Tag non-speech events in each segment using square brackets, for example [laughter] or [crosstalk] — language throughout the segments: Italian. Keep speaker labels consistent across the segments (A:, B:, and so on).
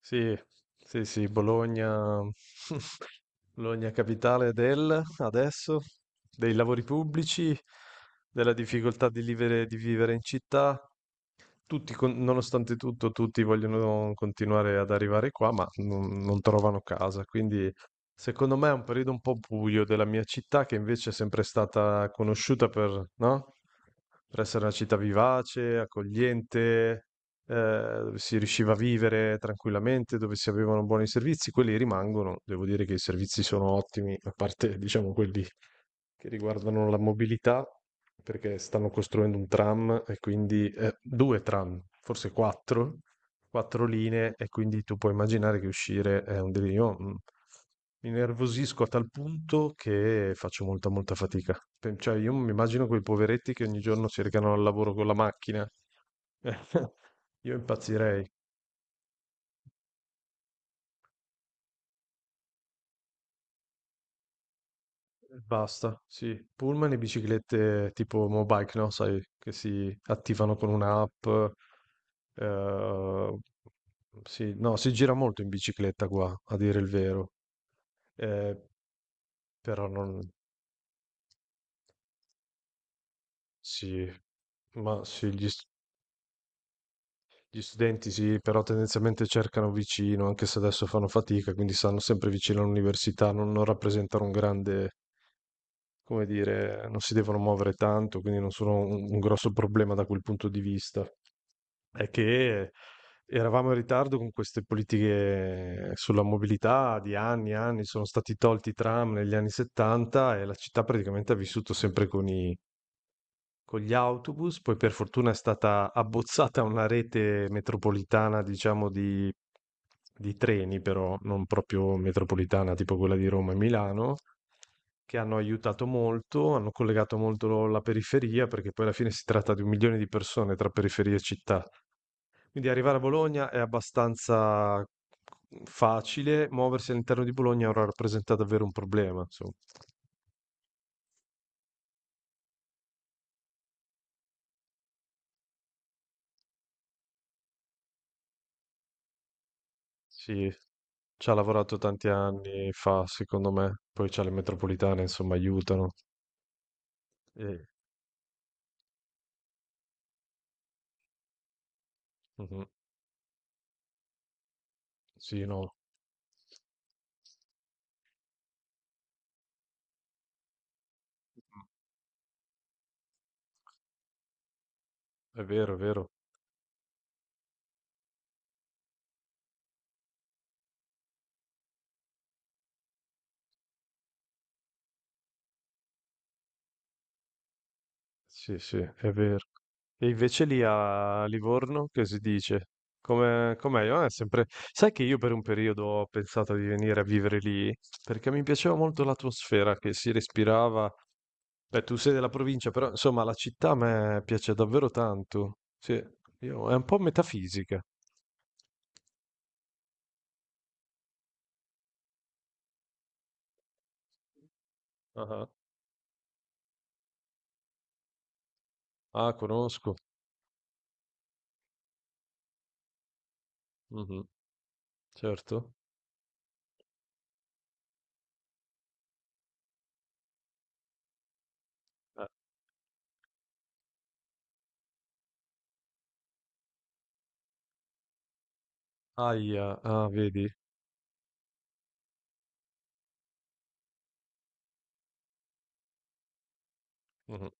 A: Sì, sì, sì, Bologna, [laughs] Bologna capitale del, adesso, dei lavori pubblici, della difficoltà di vivere in città, nonostante tutto, tutti vogliono continuare ad arrivare qua, ma non trovano casa. Quindi, secondo me, è un periodo un po' buio della mia città, che invece è sempre stata conosciuta per, no? Per essere una città vivace, accogliente, dove si riusciva a vivere tranquillamente, dove si avevano buoni servizi. Quelli rimangono. Devo dire che i servizi sono ottimi, a parte, diciamo, quelli che riguardano la mobilità, perché stanno costruendo un tram e quindi due tram, forse quattro linee e quindi tu puoi immaginare che uscire è un delirio. Io, mi nervosisco a tal punto che faccio molta molta fatica. Cioè, io mi immagino quei poveretti che ogni giorno si recano al lavoro con la macchina. [laughs] Io impazzirei. Basta, sì. Pullman e biciclette tipo Mobike, no? Sai, che si attivano con un'app. eh, sì, no, si gira molto in bicicletta qua, a dire il vero. Eh, però non... Sì, ma sì, gli studenti sì, però tendenzialmente cercano vicino, anche se adesso fanno fatica, quindi stanno sempre vicino all'università, non rappresentano un grande... Come dire, non si devono muovere tanto, quindi non sono un grosso problema da quel punto di vista. È che eravamo in ritardo con queste politiche sulla mobilità di anni e anni, sono stati tolti i tram negli anni '70 e la città praticamente ha vissuto sempre con gli autobus, poi per fortuna è stata abbozzata una rete metropolitana, diciamo, di treni, però non proprio metropolitana, tipo quella di Roma e Milano, che hanno aiutato molto, hanno collegato molto la periferia, perché poi alla fine si tratta di un milione di persone tra periferia e città. Quindi arrivare a Bologna è abbastanza facile, muoversi all'interno di Bologna ora rappresenta davvero un problema, insomma. Sì, ci ha lavorato tanti anni fa, secondo me, poi c'ha le metropolitane, insomma, aiutano. E- mhm. Sì, no, è vero, è vero. Sì, sì, è vero. E invece lì a Livorno che si dice? Com'è? Ah, è sempre... Sai che io per un periodo ho pensato di venire a vivere lì perché mi piaceva molto l'atmosfera che si respirava. Beh, tu sei della provincia, però insomma la città a me piace davvero tanto. Sì, è un po' metafisica. Ah, ah, conosco. Mhm. Certo. Eh, Aia, ah, vedi? Mhm.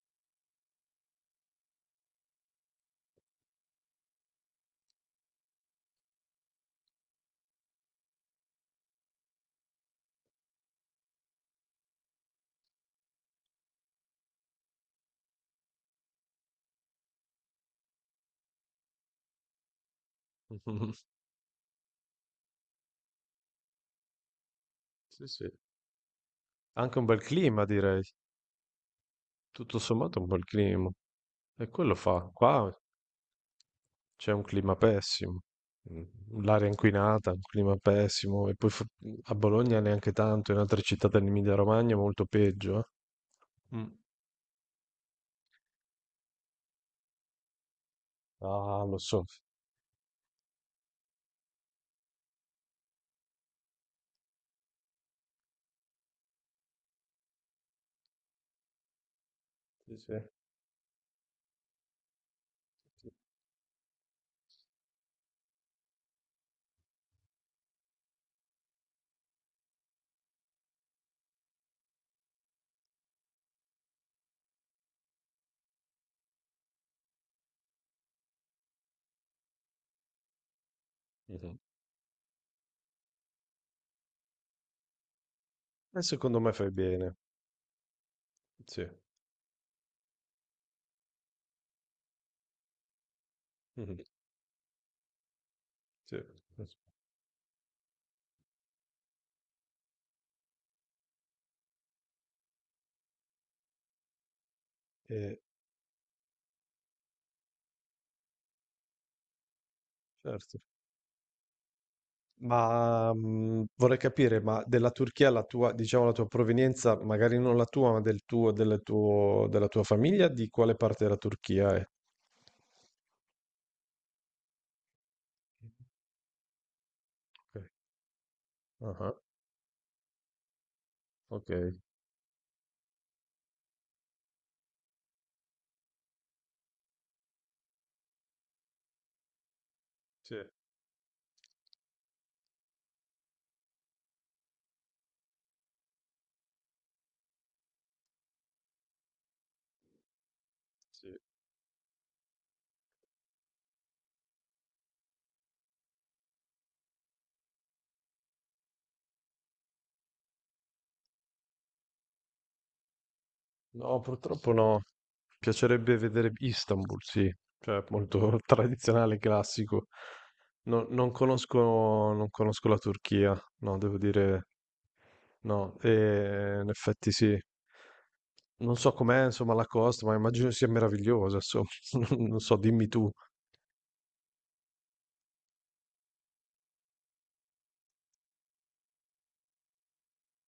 A: [laughs] Sì, sì. Anche un bel clima, direi. Tutto sommato un bel clima, e quello fa. Qua c'è un clima pessimo, l'aria inquinata, un clima pessimo, e poi a Bologna neanche tanto, in altre città dell'Emilia Romagna è molto peggio. Eh. Mm. Ah, lo so. Sì, sì. Mhm. E secondo me fai bene. Sì. Mhm. Sì. Eh, certo. Ma vorrei capire, ma della Turchia la tua, diciamo, la tua provenienza, magari non la tua, ma della tua famiglia, di quale parte della Turchia è? Ok. Ah, ok. Sì, sì. No, purtroppo no. Piacerebbe vedere Istanbul, sì, cioè molto [laughs] tradizionale, classico. No- non conosco, non conosco la Turchia, no, devo dire no. E in effetti sì. Non so com'è, insomma, la costa, ma immagino sia meravigliosa, insomma. [laughs] Non so, dimmi tu.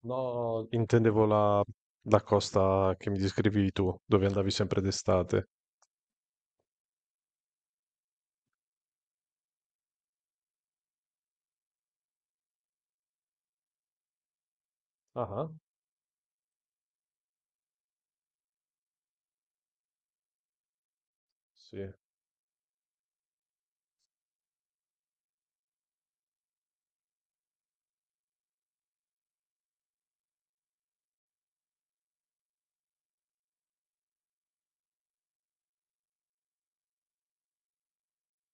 A: No, intendevo la, costa che mi descrivi tu, dove andavi sempre d'estate. Ah, ah, sì.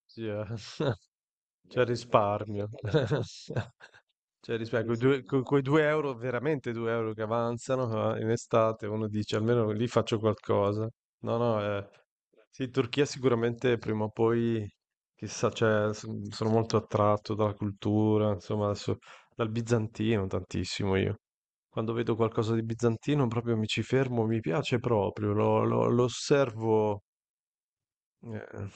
A: Sì, eh. C'è risparmio. [laughs] Cioè, rispetto Sì, a sì. Quei due euro, veramente due euro che avanzano in estate, uno dice almeno lì faccio qualcosa. No, no, sì, Turchia sicuramente prima o poi, chissà, cioè, sono molto attratto dalla cultura, insomma, adesso, dal bizantino tantissimo io. Quando vedo qualcosa di bizantino proprio mi ci fermo, mi piace proprio, lo osservo, eh,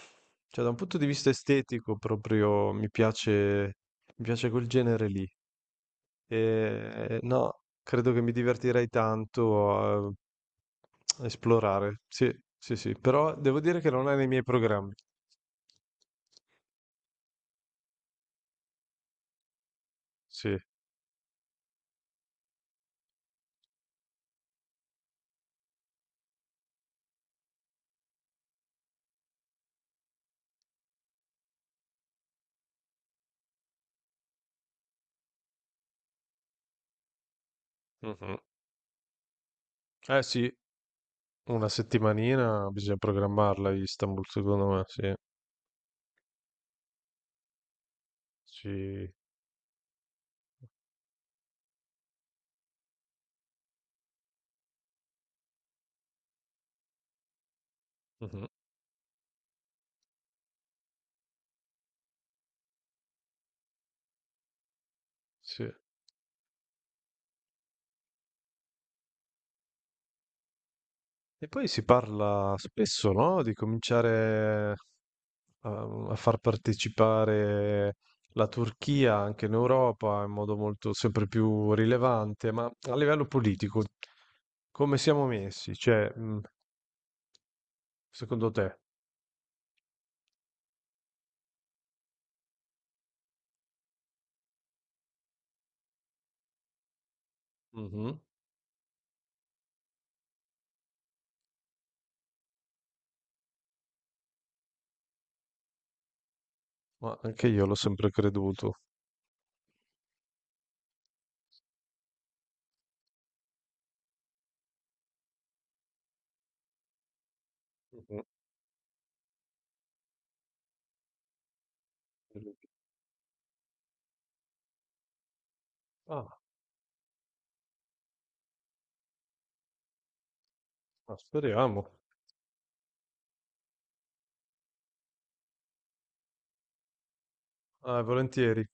A: cioè da un punto di vista estetico proprio mi piace quel genere lì. E, no, credo che mi divertirei tanto a esplorare. Sì, sì, sì, però devo dire che non è nei miei programmi. Sì. Mhm. Eh sì, una settimanina bisogna programmarla a Istanbul, secondo me, sì. Sì. Mhm. Sì. E poi si parla spesso, no? Di cominciare a far partecipare la Turchia anche in Europa in modo molto sempre più rilevante, ma a livello politico come siamo messi? Cioè, secondo te? Mhm. Ma anche io l'ho sempre creduto. Mhm. Ah, ma speriamo. Ah, volentieri.